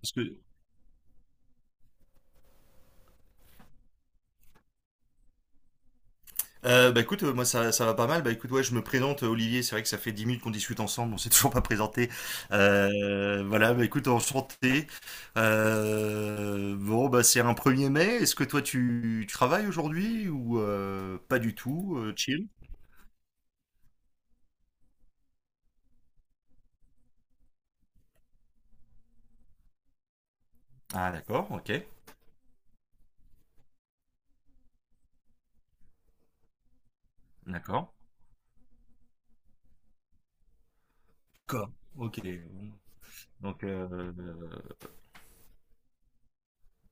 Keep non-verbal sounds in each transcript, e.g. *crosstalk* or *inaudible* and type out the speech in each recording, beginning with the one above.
Parce que... bah écoute, moi ça va pas mal. Bah écoute, ouais, je me présente, Olivier. C'est vrai que ça fait 10 minutes qu'on discute ensemble, on s'est *laughs* toujours pas présenté. Voilà, bah écoute, enchanté. Bon, bah c'est un 1er mai. Est-ce que toi tu travailles aujourd'hui ou pas du tout, Chill. Ah d'accord, ok. D'accord. D'accord, ok. Donc,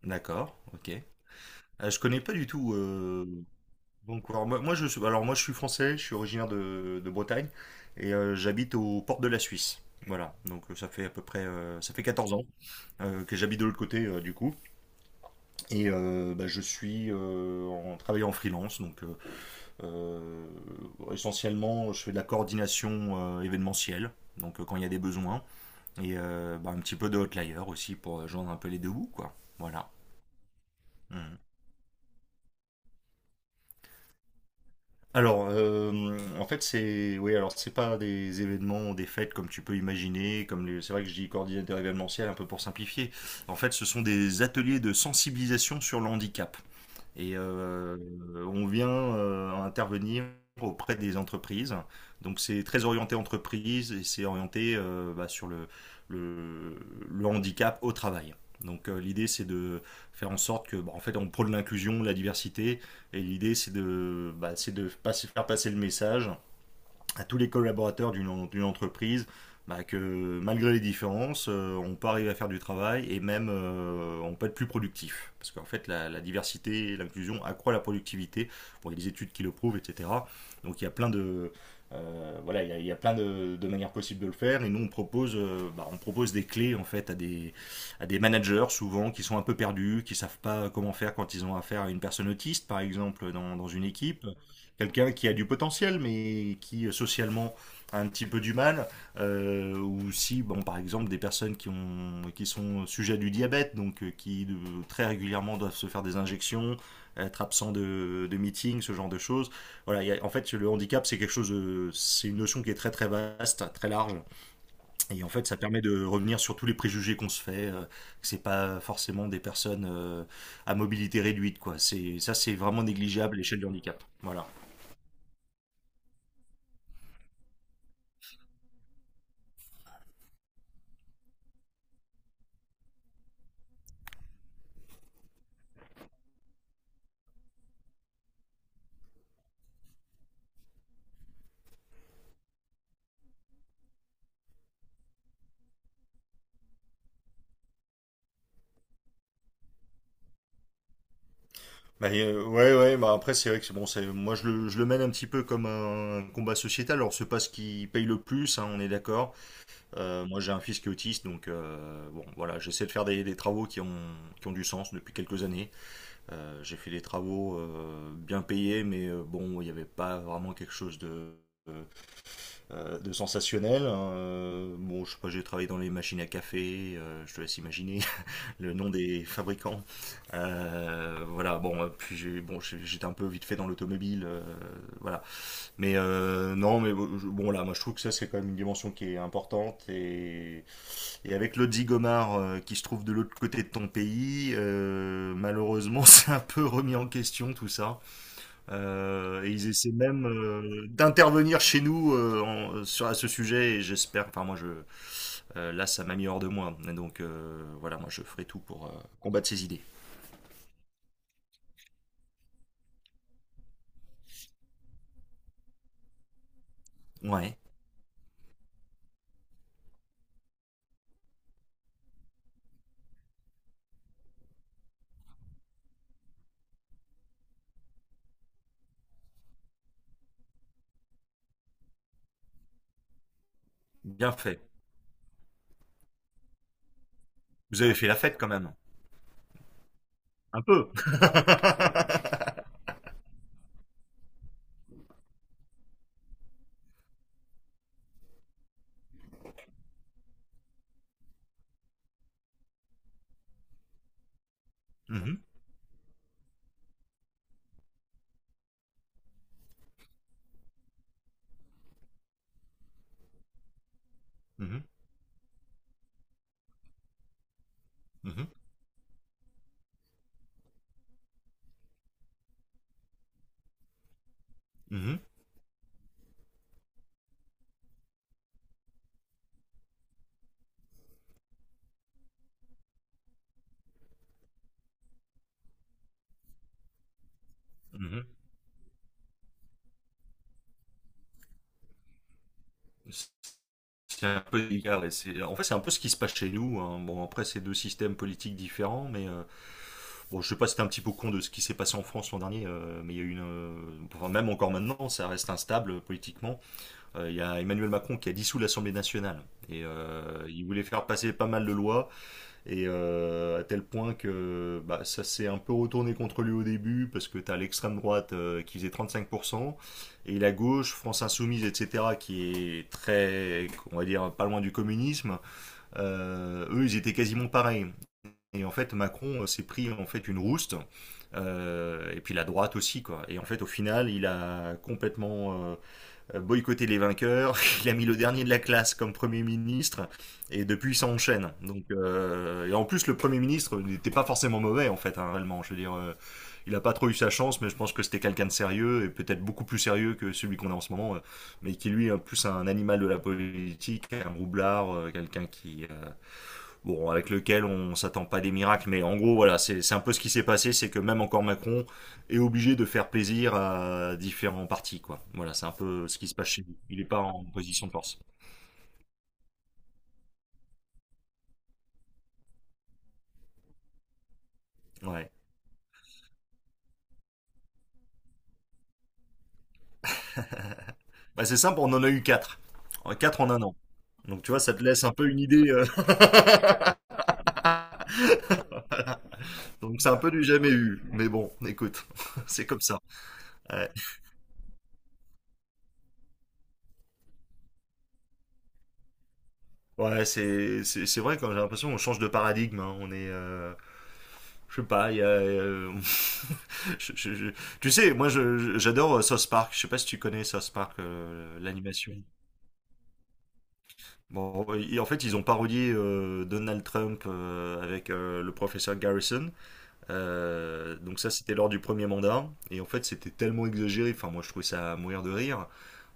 d'accord, ok. Je connais pas du tout. Donc, alors, alors moi je suis français, je suis originaire de Bretagne et j'habite aux portes de la Suisse. Voilà, donc ça fait à peu près ça fait 14 ans, que j'habite de l'autre côté, du coup. Et bah, je suis en travaillant en freelance, donc euh, essentiellement je fais de la coordination événementielle, donc quand il y a des besoins, et bah, un petit peu de hotlayer aussi pour joindre un peu les deux bouts, quoi. Voilà. Mmh. Alors, en fait, c'est oui, alors c'est pas des événements, des fêtes comme tu peux imaginer, c'est vrai que je dis coordinateur événementiel un peu pour simplifier. En fait, ce sont des ateliers de sensibilisation sur le handicap. Et on vient intervenir auprès des entreprises. Donc c'est très orienté entreprise et c'est orienté bah, sur le, le handicap au travail. Donc l'idée c'est de faire en sorte que, bah, en fait, on prône l'inclusion, la diversité, et l'idée c'est de, bah, faire passer le message à tous les collaborateurs d'une entreprise bah, que malgré les différences, on peut arriver à faire du travail et même on peut être plus productif. Parce qu'en fait, la diversité et l'inclusion accroît la productivité. Bon, il y a des études qui le prouvent, etc. Donc il y a plein de, voilà, il y a plein de manières possibles de le faire. Et nous, on propose, bah, on propose des clés en fait à des managers souvent qui sont un peu perdus, qui savent pas comment faire quand ils ont affaire à une personne autiste, par exemple, dans une équipe quelqu'un qui a du potentiel, mais qui socialement a un petit peu du mal, ou si, bon, par exemple, des personnes qui sont sujets à du diabète, donc qui très régulièrement doivent se faire des injections, être absent de meetings, ce genre de choses. Voilà, en fait, le handicap, c'est quelque chose, c'est une notion qui est très très vaste, très large, et en fait, ça permet de revenir sur tous les préjugés qu'on se fait. Que c'est pas forcément des personnes à mobilité réduite, quoi. C'est ça, c'est vraiment négligeable à l'échelle du handicap. Voilà. Bah, ouais, ouais, bah après, c'est vrai que c'est bon, c'est, moi je le mène un petit peu comme un combat sociétal. Alors, c'est pas ce qui paye le plus, hein, on est d'accord. Moi, j'ai un fils qui est autiste, donc bon, voilà, j'essaie de faire des travaux qui ont du sens depuis quelques années. J'ai fait des travaux bien payés, mais bon, il n'y avait pas vraiment quelque chose euh, de sensationnel. Hein. Bon, je sais pas, j'ai travaillé dans les machines à café, je te laisse imaginer le nom des fabricants. Voilà, bon, puis bon, j'étais un peu vite fait dans l'automobile, voilà. Mais non, mais bon, bon, là, moi je trouve que ça c'est quand même une dimension qui est importante. Et avec l'Audi Gomard qui se trouve de l'autre côté de ton pays, malheureusement *laughs* c'est un peu remis en question tout ça. Et ils essaient même d'intervenir chez nous à ce sujet. Et j'espère, là ça m'a mis hors de moi. Et donc voilà, moi je ferai tout pour combattre ces idées. Ouais, bien fait. Vous avez fait la fête quand même. Un peu. *laughs* Mhm, mhm, mhm, mhm, mhm. C'est un peu illégal. En fait, c'est un peu ce qui se passe chez nous. Hein. Bon, après, c'est deux systèmes politiques différents, mais bon, je sais pas si t'es un petit peu con de ce qui s'est passé en France l'an dernier, mais il y a eu une. Enfin, même encore maintenant, ça reste instable politiquement. Il y a Emmanuel Macron qui a dissous l'Assemblée nationale. Et il voulait faire passer pas mal de lois. Et à tel point que bah, ça s'est un peu retourné contre lui au début, parce que tu as l'extrême droite qui faisait 35%, et la gauche, France Insoumise, etc., qui est très, on va dire, pas loin du communisme, eux, ils étaient quasiment pareils. Et en fait, Macron s'est pris en fait une rouste, et puis la droite aussi, quoi. Et en fait, au final, il a complètement boycotter les vainqueurs. *laughs* Il a mis le dernier de la classe comme Premier ministre. Et depuis, ça enchaîne. Donc, et en plus, le Premier ministre n'était pas forcément mauvais, en fait, hein, réellement. Je veux dire, il n'a pas trop eu sa chance, mais je pense que c'était quelqu'un de sérieux, et peut-être beaucoup plus sérieux que celui qu'on a en ce moment, mais qui, lui, est plus un animal de la politique, un roublard, quelqu'un qui, bon, avec lequel on s'attend pas des miracles, mais en gros, voilà, c'est un peu ce qui s'est passé, c'est que même encore Macron est obligé de faire plaisir à différents partis, quoi. Voilà, c'est un peu ce qui se passe chez lui. Il est pas en position de force. Ouais. Bah, c'est simple, on en a eu quatre. Quatre en un an. Donc, tu vois, ça te laisse un peu une idée. *laughs* Voilà. Donc, c'est un peu du jamais eu. Mais bon, écoute, *laughs* c'est comme ça. Ouais. Ouais, c'est vrai quand j'ai l'impression qu'on change de paradigme. Hein. On est, je sais pas, *laughs* je- je- je- tu sais, moi j'adore South Park. Je sais pas si tu connais South Park, l'animation. Bon, et en fait ils ont parodié Donald Trump avec le professeur Garrison. Donc ça c'était lors du premier mandat. Et en fait c'était tellement exagéré. Enfin moi je trouvais ça à mourir de rire.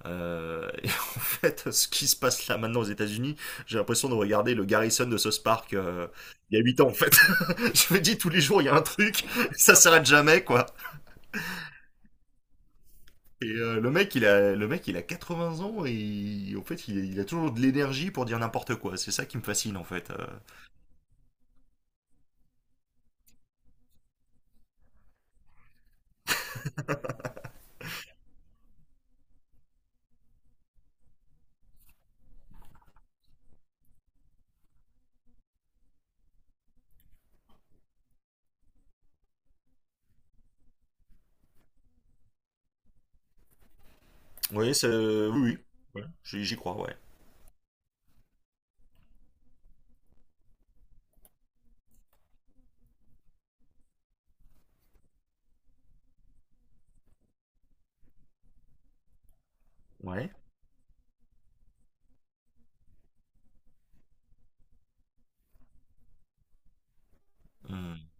*laughs* Et en fait, ce qui se passe là maintenant aux États-Unis, j'ai l'impression de regarder le Garrison de South Park il y a 8 ans en fait. *laughs* Je me dis tous les jours il y a un truc, ça s'arrête jamais quoi. Et le mec il a 80 ans et en fait il a toujours de l'énergie pour dire n'importe quoi. C'est ça qui me fascine en fait. Oui, c'est oui oui. Ouais, J'y crois ouais. Ouais. Hum.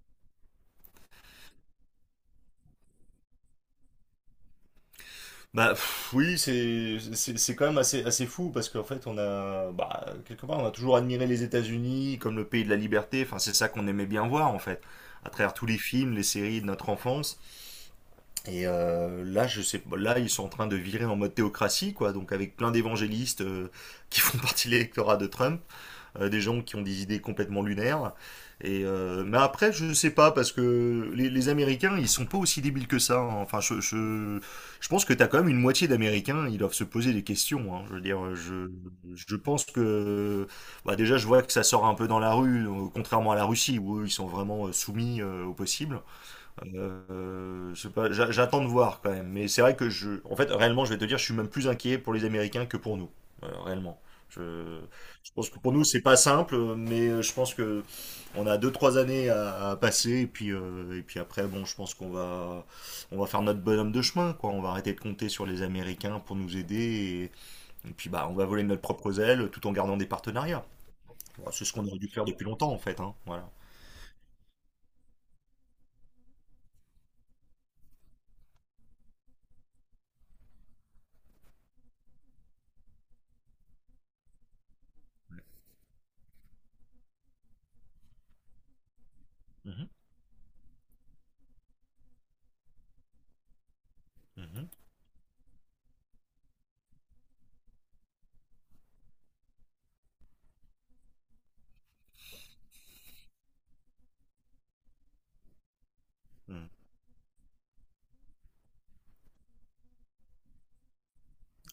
Bah pff, oui, c'est quand même assez assez fou parce qu'en fait on a bah, quelque part on a toujours admiré les États-Unis comme le pays de la liberté. Enfin c'est ça qu'on aimait bien voir en fait à travers tous les films, les séries de notre enfance. Et là je sais pas, là ils sont en train de virer en mode théocratie quoi, donc avec plein d'évangélistes qui font partie de l'électorat de Trump des gens qui ont des idées complètement lunaires. Et mais après, je sais pas, parce que les, Américains, ils sont pas aussi débiles que ça. Hein. Enfin, je pense que t'as quand même une moitié d'Américains, ils doivent se poser des questions. Hein. Je veux dire, je pense que bah déjà, je vois que ça sort un peu dans la rue, contrairement à la Russie, où eux, ils sont vraiment soumis au possible. Je sais pas, j'attends de voir quand même. Mais c'est vrai que en fait, réellement, je vais te dire, je suis même plus inquiet pour les Américains que pour nous, réellement. Je, je pense que pour nous, c'est pas simple, mais je pense que on a deux trois années à passer et puis après, bon, je pense qu'on va on va faire notre bonhomme de chemin, quoi. On va arrêter de compter sur les Américains pour nous aider et puis bah, on va voler de notre propre aile tout en gardant des partenariats. Voilà, c'est ce qu'on aurait dû faire depuis longtemps, en fait, hein. Voilà. Mhm. Mhm.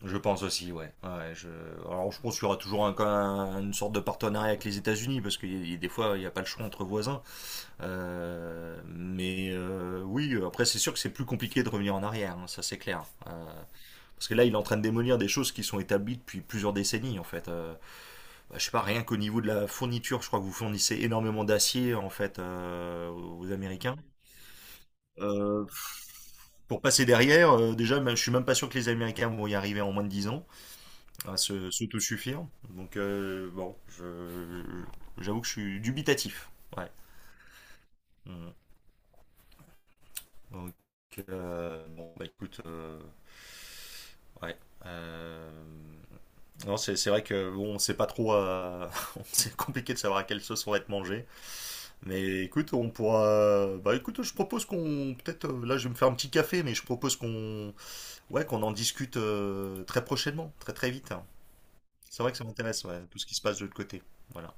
Je pense aussi, ouais. Ouais je... Alors, je pense qu'il y aura toujours une sorte de partenariat avec les États-Unis, parce que des fois, il n'y a pas le choix entre voisins. Mais oui, après, c'est sûr que c'est plus compliqué de revenir en arrière, hein, ça c'est clair. Parce que là, il est en train de démolir des choses qui sont établies depuis plusieurs décennies, en fait. Bah, je sais pas, rien qu'au niveau de la fourniture, je crois que vous fournissez énormément d'acier, en fait, aux Américains. Euh, pour passer derrière, déjà, je suis même pas sûr que les Américains vont y arriver en moins de 10 ans à se s'auto-suffire. Donc, bon, j'avoue que je suis dubitatif. Ouais. Mm. Donc, bon, bah écoute, ouais. euh, non, c'est vrai que bon, on sait pas trop. *laughs* C'est compliqué de savoir à quelle sauce on va être mangé. Mais écoute, on pourra. Bah écoute, je propose qu'on. Peut-être. Là, je vais me faire un petit café, mais je propose qu'on. Ouais, qu'on en discute très prochainement, très très vite. C'est vrai que ça m'intéresse, ouais, tout ce qui se passe de l'autre côté. Voilà.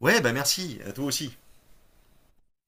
Ouais, bah merci, à toi aussi.